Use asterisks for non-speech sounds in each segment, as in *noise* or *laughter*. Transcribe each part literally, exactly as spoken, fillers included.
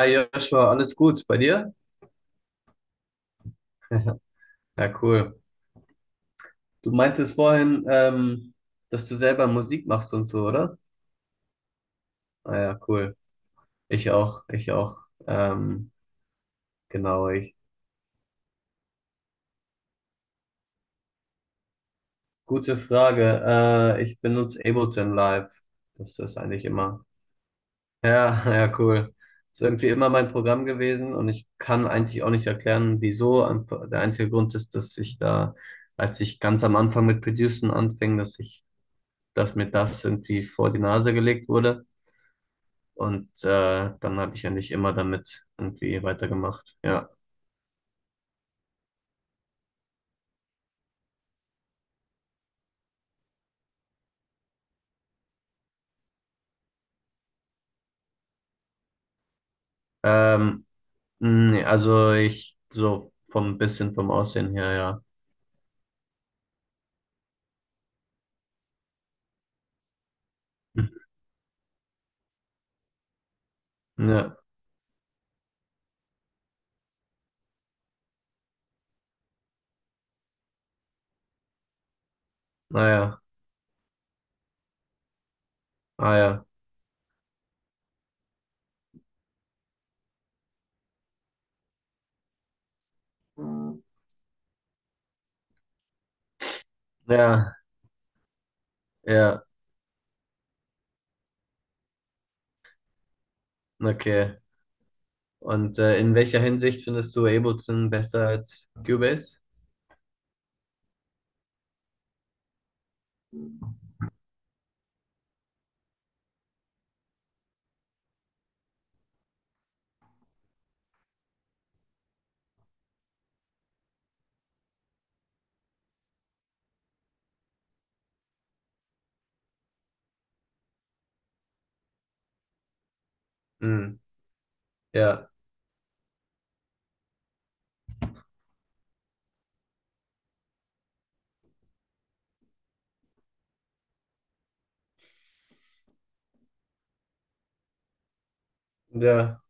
Hi Joshua, alles gut bei dir? *laughs* Ja, cool. Du meintest vorhin, ähm, dass du selber Musik machst und so, oder? Ah ja, cool. Ich auch, ich auch. Ähm, genau, ich. Gute Frage. Äh, ich benutze Ableton Live. Das ist eigentlich immer. Ja, *laughs* ja, cool. Ist irgendwie immer mein Programm gewesen und ich kann eigentlich auch nicht erklären, wieso. Einfach- Der einzige Grund ist, dass ich da, als ich ganz am Anfang mit Producen anfing, dass ich, dass mir das irgendwie vor die Nase gelegt wurde. Und äh, dann habe ich eigentlich immer damit irgendwie weitergemacht. Ja. Ähm, nee, also ich so vom bisschen vom Aussehen her, ja. Mhm. Ja, naja, ah ja. Mhm. Ja, ja, okay. Und äh, in welcher Hinsicht findest du Ableton besser als Cubase? Hm, ja, ja,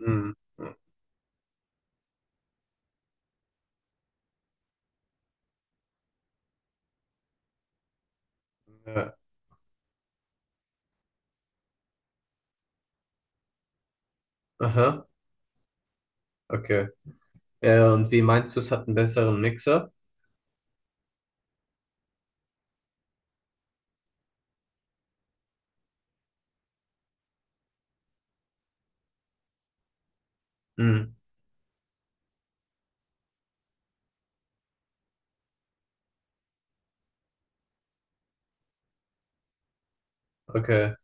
hm, ja, aha, okay. Ja, ja, und wie meinst du, es hat einen besseren Mixer? Hm, okay,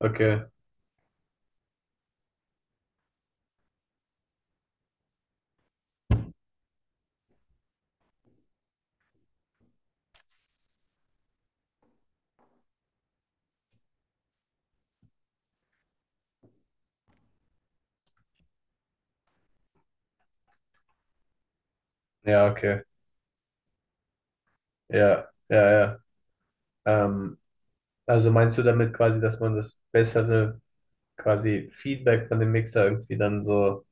okay, ja, okay, ja, ja, ja. Ähm, also meinst du damit quasi, dass man das bessere quasi Feedback von dem Mixer irgendwie dann so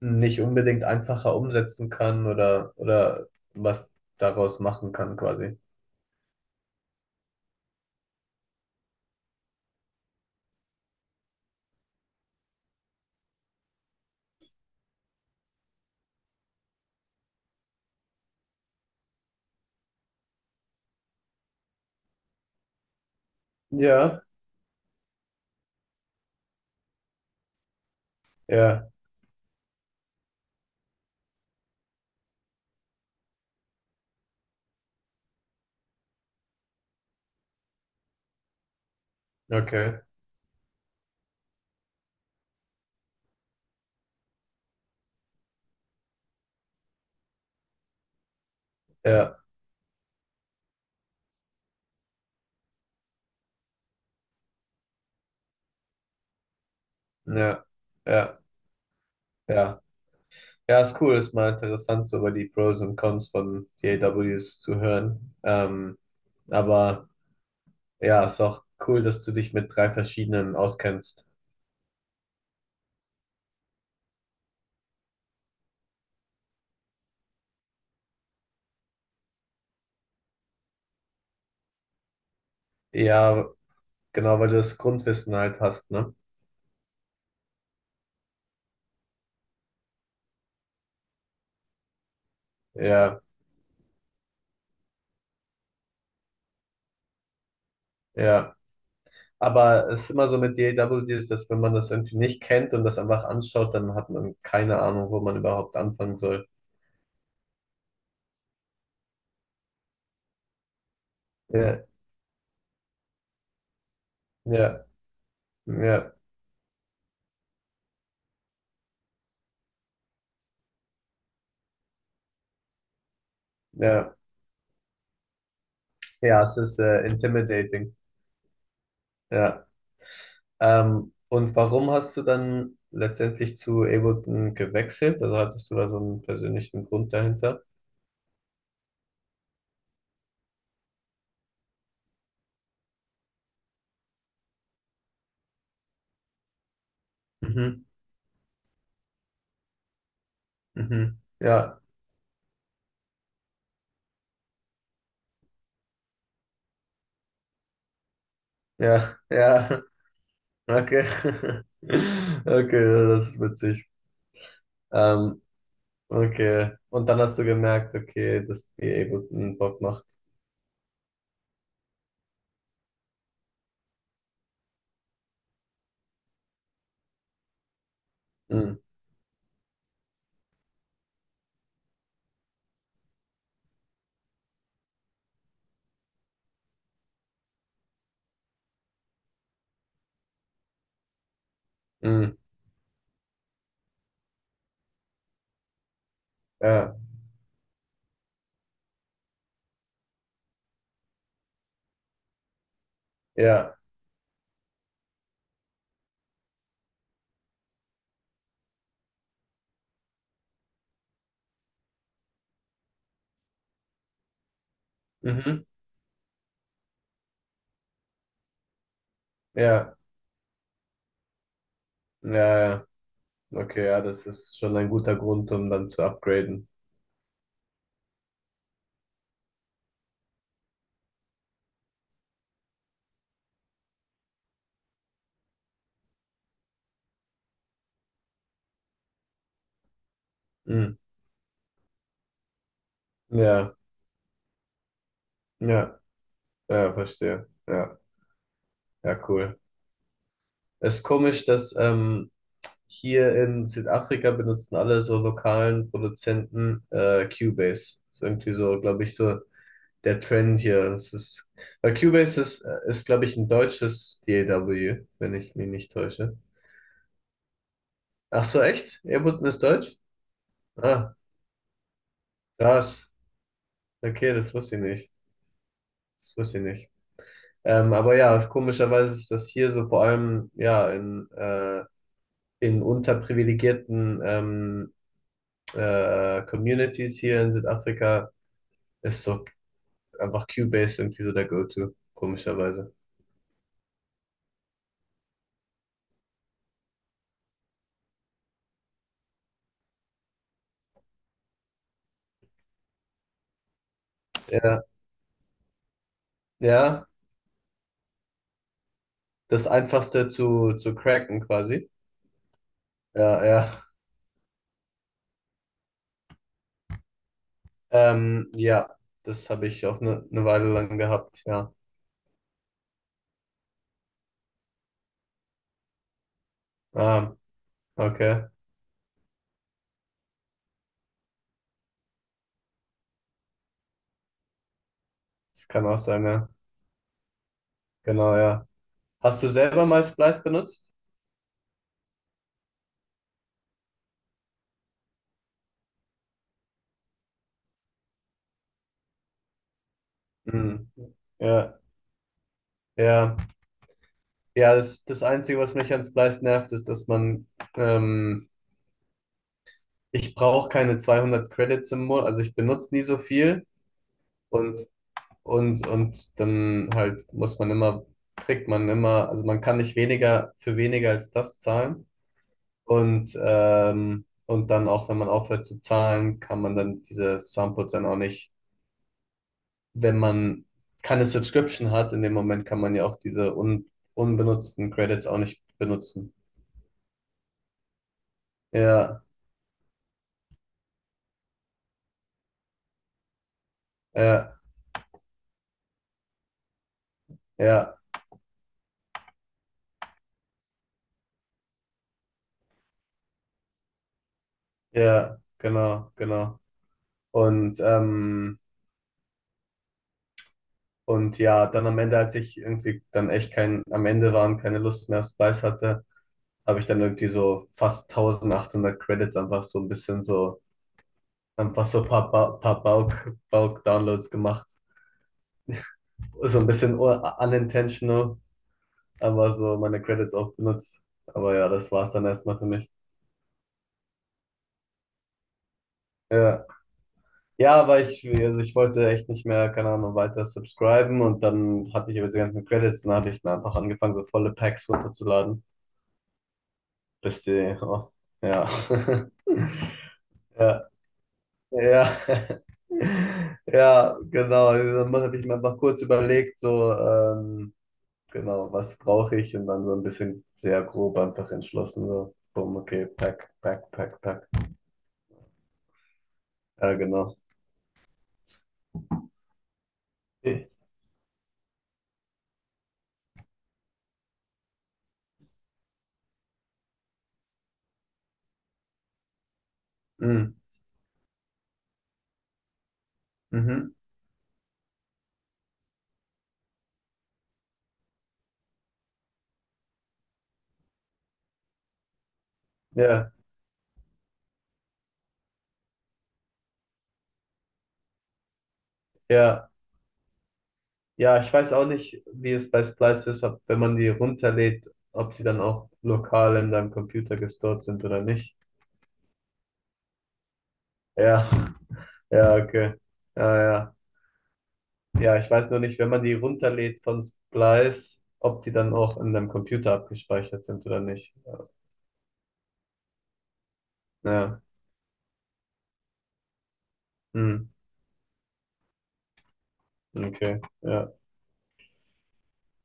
nicht unbedingt einfacher umsetzen kann oder oder was daraus machen kann quasi? Ja, ja, okay, ja, ja, ja, ja. Ja, ist cool, ist mal interessant, so über die Pros und Cons von D A Ws zu hören. Ähm, aber ja, ist auch cool, dass du dich mit drei verschiedenen auskennst. Ja, genau, weil du das Grundwissen halt hast, ne? Ja, ja. Aber es ist immer so mit D A W Deals, dass wenn man das irgendwie nicht kennt und das einfach anschaut, dann hat man keine Ahnung, wo man überhaupt anfangen soll. Ja, ja, ja, ja. Ja, es ist äh, intimidating. Ja. Ähm, und warum hast du dann letztendlich zu Ableton gewechselt? Also hattest du da so einen persönlichen Grund dahinter? Mhm, mhm. Ja, ja, ja. *laughs* Okay. *laughs* Okay, das ist witzig. Ähm, Okay. Und dann hast du gemerkt, okay, dass die eh guten Bock macht. Mhm. Mhm. Ja, ja. Mhm. Ja, ja, ja. Okay, ja, das ist schon ein guter Grund, um dann zu upgraden. Mhm. Ja, ja, ja, verstehe. Ja, ja, cool. Es ist komisch, dass ähm, hier in Südafrika benutzen alle so lokalen Produzenten äh, Cubase. Ist irgendwie so, glaube ich, so der Trend hier. Das ist, weil Cubase ist, äh, ist glaube ich, ein deutsches D A W, wenn ich mich nicht täusche. Ach so, echt? Ableton ist deutsch? Ah, krass. Okay, das wusste ich nicht. Das wusste ich nicht. Ähm, aber ja, es, komischerweise ist das hier so vor allem ja in, äh, in unterprivilegierten ähm, äh, Communities hier in Südafrika ist so einfach Cubase irgendwie so der Go-To, komischerweise. Ja, ja, das Einfachste zu, zu cracken quasi. Ja, ja. Ähm, ja, das habe ich auch eine ne ne Weile lang gehabt, ja. Ah, okay. Das kann auch sein, ja. Genau, ja. Hast du selber mal Splice benutzt? Hm. Ja, ja. Ja, das, das Einzige, was mich an Splice nervt, ist, dass man, ähm, ich brauche keine zweihundert Credits im Monat, also ich benutze nie so viel und, und, und dann halt muss man immer, kriegt man immer, also man kann nicht weniger für weniger als das zahlen. Und, ähm, und dann auch, wenn man aufhört zu zahlen, kann man dann diese Samples dann auch nicht, wenn man keine Subscription hat, in dem Moment kann man ja auch diese un unbenutzten Credits auch nicht benutzen. Ja, ja, ja, ja, genau, genau. Und, ähm, und ja, dann am Ende, als ich irgendwie dann echt kein, am Ende waren, keine Lust mehr auf Spice hatte, habe ich dann irgendwie so fast achtzehnhundert Credits einfach so ein bisschen so Einfach so ein paar, ba paar Bulk, Bulk-Downloads gemacht. So ein bisschen un- unintentional, aber so meine Credits auch benutzt. Aber ja, das war's dann erstmal für mich. Ja, ja aber ich, also ich wollte echt nicht mehr, keine Ahnung, weiter subscriben und dann hatte ich aber diese ganzen Credits und dann habe ich mir einfach angefangen, so volle Packs runterzuladen. Bis die, oh, ja. *laughs* Ja, ja. *laughs* Ja, genau. Dann habe ich mir einfach kurz überlegt, so, ähm, Genau, was brauche ich? Und dann so ein bisschen sehr grob einfach entschlossen, so, bumm, okay, pack, pack, pack, pack. Ja, genau. Okay. Mm, Mhm. Ja, ja, ja, ich weiß auch nicht, wie es bei Splice ist, ob, wenn man die runterlädt, ob sie dann auch lokal in deinem Computer gestored sind oder nicht. Ja, ja, okay. Ja, ja. Ja, ich weiß nur nicht, wenn man die runterlädt von Splice, ob die dann auch in deinem Computer abgespeichert sind oder nicht. Ja, ja. Hm. Okay, ja.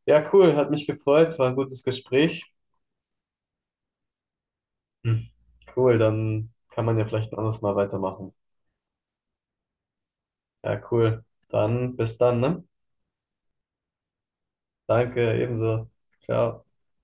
Ja, cool, hat mich gefreut, war ein gutes Gespräch. Hm. Cool, dann kann man ja vielleicht ein anderes Mal weitermachen. Ja, cool. Dann bis dann, ne? Danke, ebenso. Ciao.